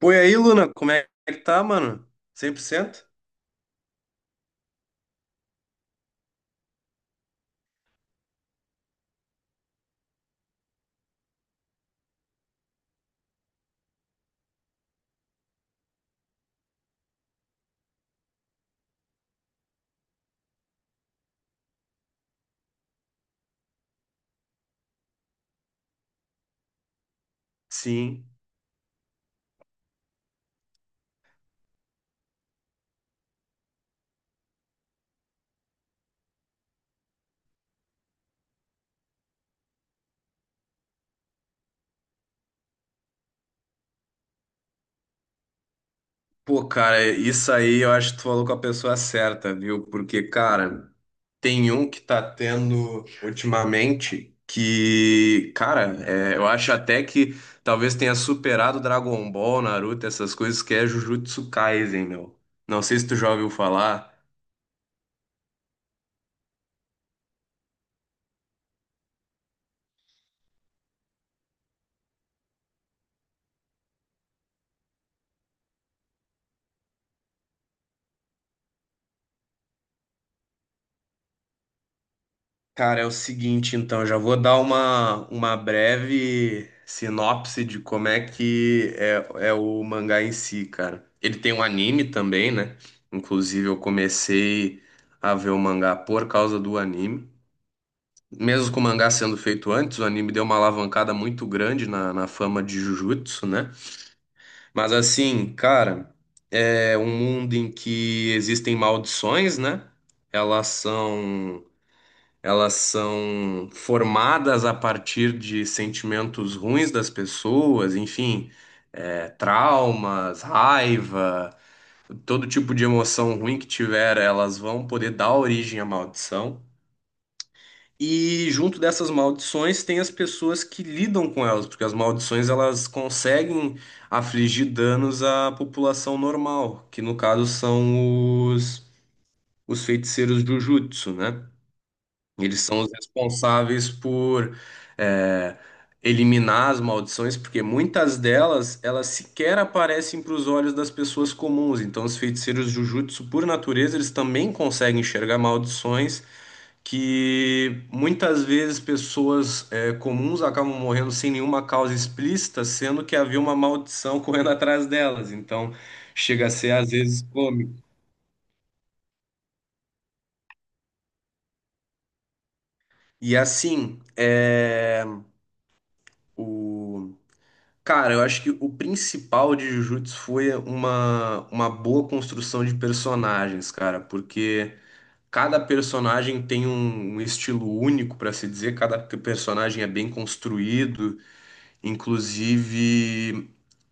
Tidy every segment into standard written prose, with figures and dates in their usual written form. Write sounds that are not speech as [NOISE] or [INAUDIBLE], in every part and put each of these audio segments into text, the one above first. Pô, e aí, Luna, como é que tá, mano? Cem por cento? Sim. Pô, cara, isso aí eu acho que tu falou com a pessoa certa, viu? Porque, cara, tem um que tá tendo ultimamente que, cara, eu acho até que talvez tenha superado Dragon Ball, Naruto, essas coisas, que é Jujutsu Kaisen, meu. Não sei se tu já ouviu falar. Cara, é o seguinte, então, já vou dar uma breve sinopse de como é que é, é o mangá em si, cara. Ele tem um anime também, né? Inclusive, eu comecei a ver o mangá por causa do anime. Mesmo com o mangá sendo feito antes, o anime deu uma alavancada muito grande na fama de Jujutsu, né? Mas assim, cara, é um mundo em que existem maldições, né? Elas são elas são formadas a partir de sentimentos ruins das pessoas. Enfim, traumas, raiva, todo tipo de emoção ruim que tiver, elas vão poder dar origem à maldição. E junto dessas maldições tem as pessoas que lidam com elas, porque as maldições elas conseguem afligir danos à população normal, que no caso são os feiticeiros Jujutsu, né? Eles são os responsáveis por é, eliminar as maldições, porque muitas delas elas sequer aparecem para os olhos das pessoas comuns. Então, os feiticeiros Jujutsu, por natureza, eles também conseguem enxergar maldições que muitas vezes pessoas comuns acabam morrendo sem nenhuma causa explícita, sendo que havia uma maldição [LAUGHS] correndo atrás delas. Então, chega a ser às vezes cômico. E assim, é, o Cara, eu acho que o principal de Jujutsu foi uma boa construção de personagens, cara, porque cada personagem tem um estilo único para se dizer, cada personagem é bem construído, inclusive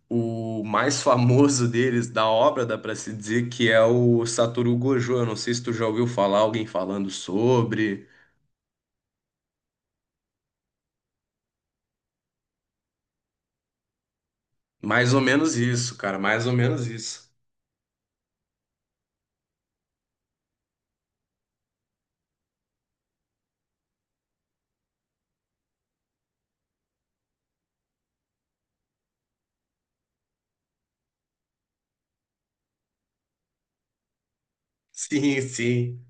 o mais famoso deles, da obra, dá para se dizer, que é o Satoru Gojo. Eu não sei se tu já ouviu falar alguém falando sobre. Mais ou menos isso, cara, mais ou menos isso. [LAUGHS] Sim, sim.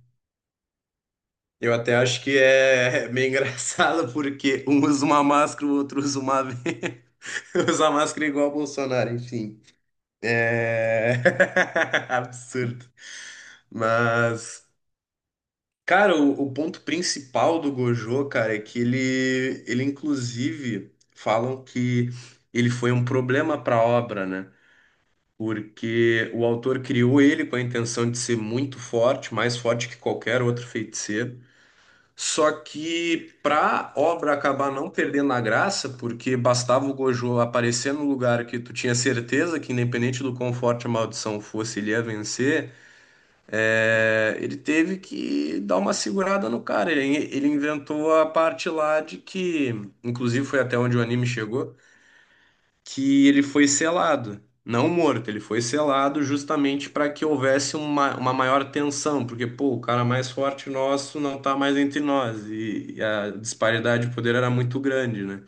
Eu até acho que é meio [LAUGHS] engraçado porque um usa uma máscara, o outro usa uma venda. [LAUGHS] Usa máscara igual o Bolsonaro, enfim. É [LAUGHS] absurdo. Mas, cara, o ponto principal do Gojo, cara, é que ele inclusive falam que ele foi um problema para a obra, né? Porque o autor criou ele com a intenção de ser muito forte, mais forte que qualquer outro feiticeiro. Só que pra obra acabar não perdendo a graça, porque bastava o Gojo aparecer no lugar que tu tinha certeza que, independente do quão forte a maldição fosse, ele ia vencer, ele teve que dar uma segurada no cara. Ele inventou a parte lá de que, inclusive foi até onde o anime chegou, que ele foi selado. Não morto, ele foi selado justamente para que houvesse uma maior tensão, porque, pô, o cara mais forte nosso não está mais entre nós, e, a disparidade de poder era muito grande, né?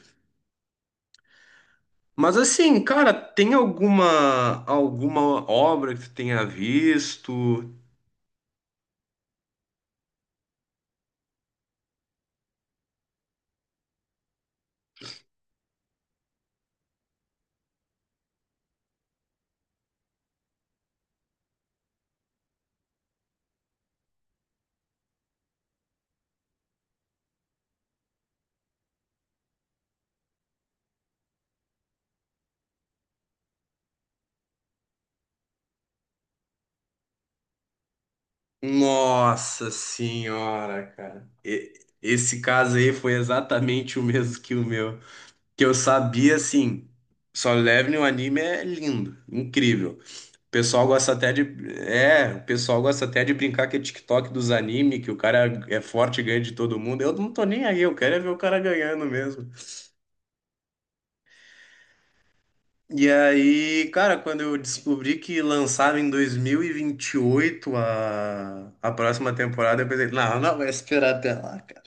Mas assim, cara, tem alguma obra que tu tenha visto? Nossa senhora, cara. Esse caso aí foi exatamente o mesmo que o meu, que eu sabia assim, só leve no anime é lindo, incrível. O pessoal gosta até de. É, o pessoal gosta até de brincar que é TikTok dos anime, que o cara é forte e ganha de todo mundo. Eu não tô nem aí, eu quero é ver o cara ganhando mesmo. E aí, cara, quando eu descobri que lançava em dois mil e vinte e oito a próxima temporada, eu pensei, não, não vai esperar até lá, cara.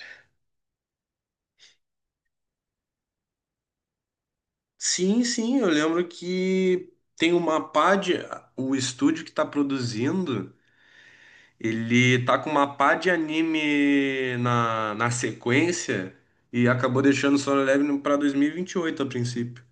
Sim, sim, eu lembro que tem uma pá de. O estúdio que tá produzindo. Ele tá com uma pá de anime na sequência e acabou deixando Solo Leveling pra 2028, a princípio.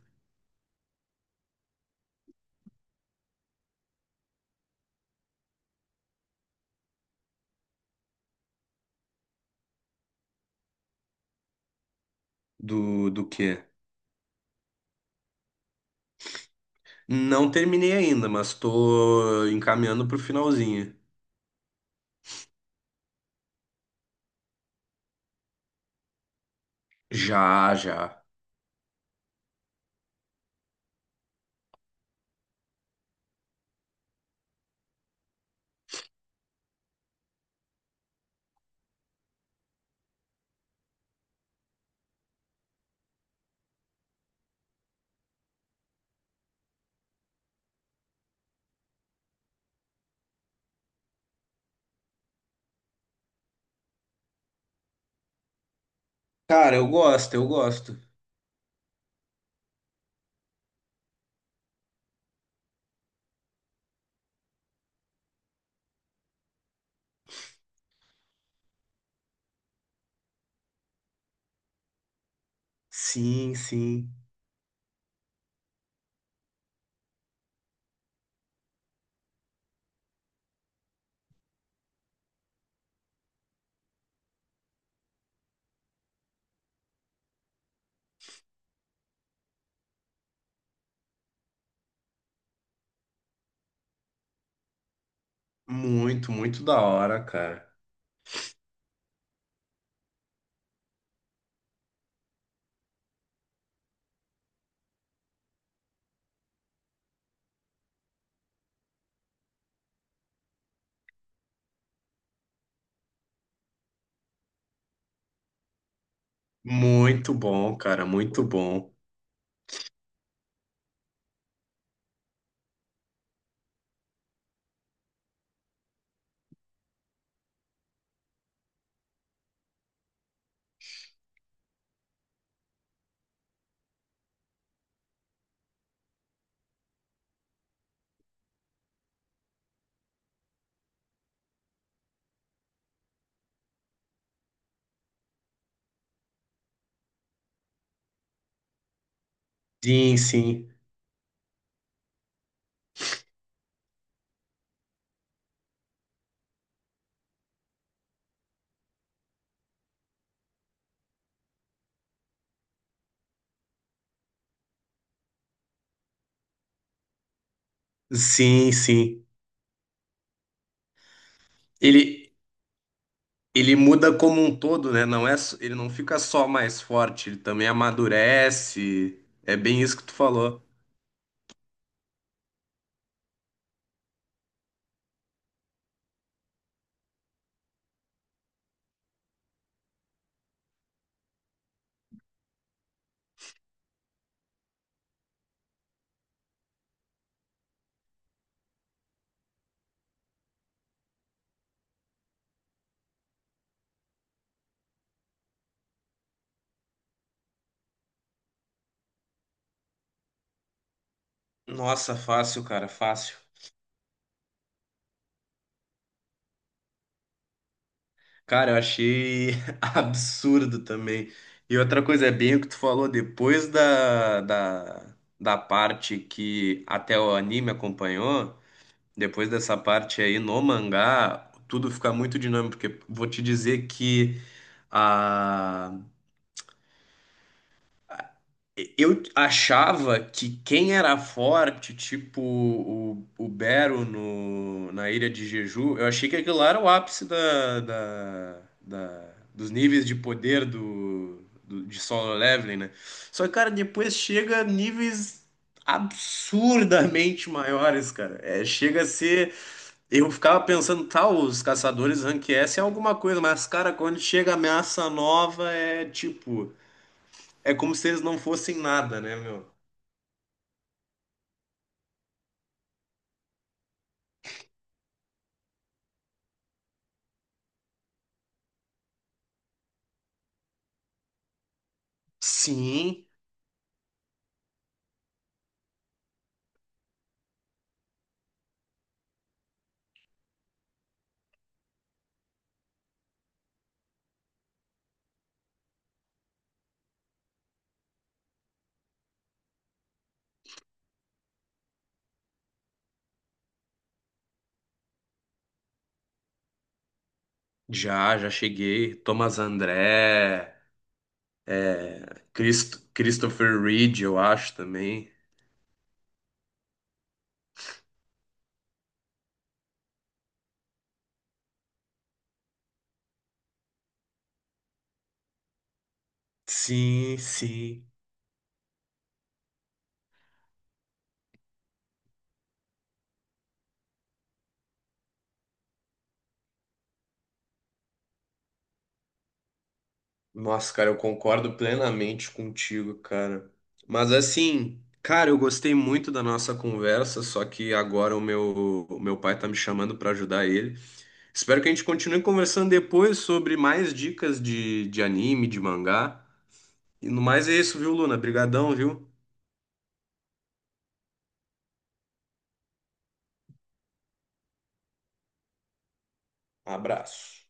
Do quê? Não terminei ainda, mas tô encaminhando pro finalzinho. Já, já. Cara, eu gosto. Sim, sim. Muito, muito da hora, cara. Muito bom, cara, muito bom. Sim, sim. Sim, sim. Ele. Ele muda como um todo, né? Não é, ele não fica só mais forte, ele também amadurece. É bem isso que tu falou. Nossa, fácil. Cara, eu achei [LAUGHS] absurdo também. E outra coisa, é bem o que tu falou, depois da parte que até o anime acompanhou, depois dessa parte aí no mangá, tudo fica muito dinâmico, porque vou te dizer que a eu achava que quem era forte, tipo o Bero no, na Ilha de Jeju, eu achei que aquilo lá era o ápice dos níveis de poder de Solo Leveling, né? Só que, cara, depois chega a níveis absurdamente maiores, cara. É, chega a ser. Eu ficava pensando, tá, os caçadores rank S é alguma coisa, mas, cara, quando chega ameaça nova, é tipo. É como se eles não fossem nada, né, meu? Sim, já, já cheguei. Thomas André, Christopher Reed, eu acho também. Sim, sim. Nossa, cara, eu concordo plenamente contigo, cara. Mas assim, cara, eu gostei muito da nossa conversa, só que agora o meu pai tá me chamando pra ajudar ele. Espero que a gente continue conversando depois sobre mais dicas de anime, de mangá. E no mais é isso, viu, Luna? Brigadão, viu? Abraço.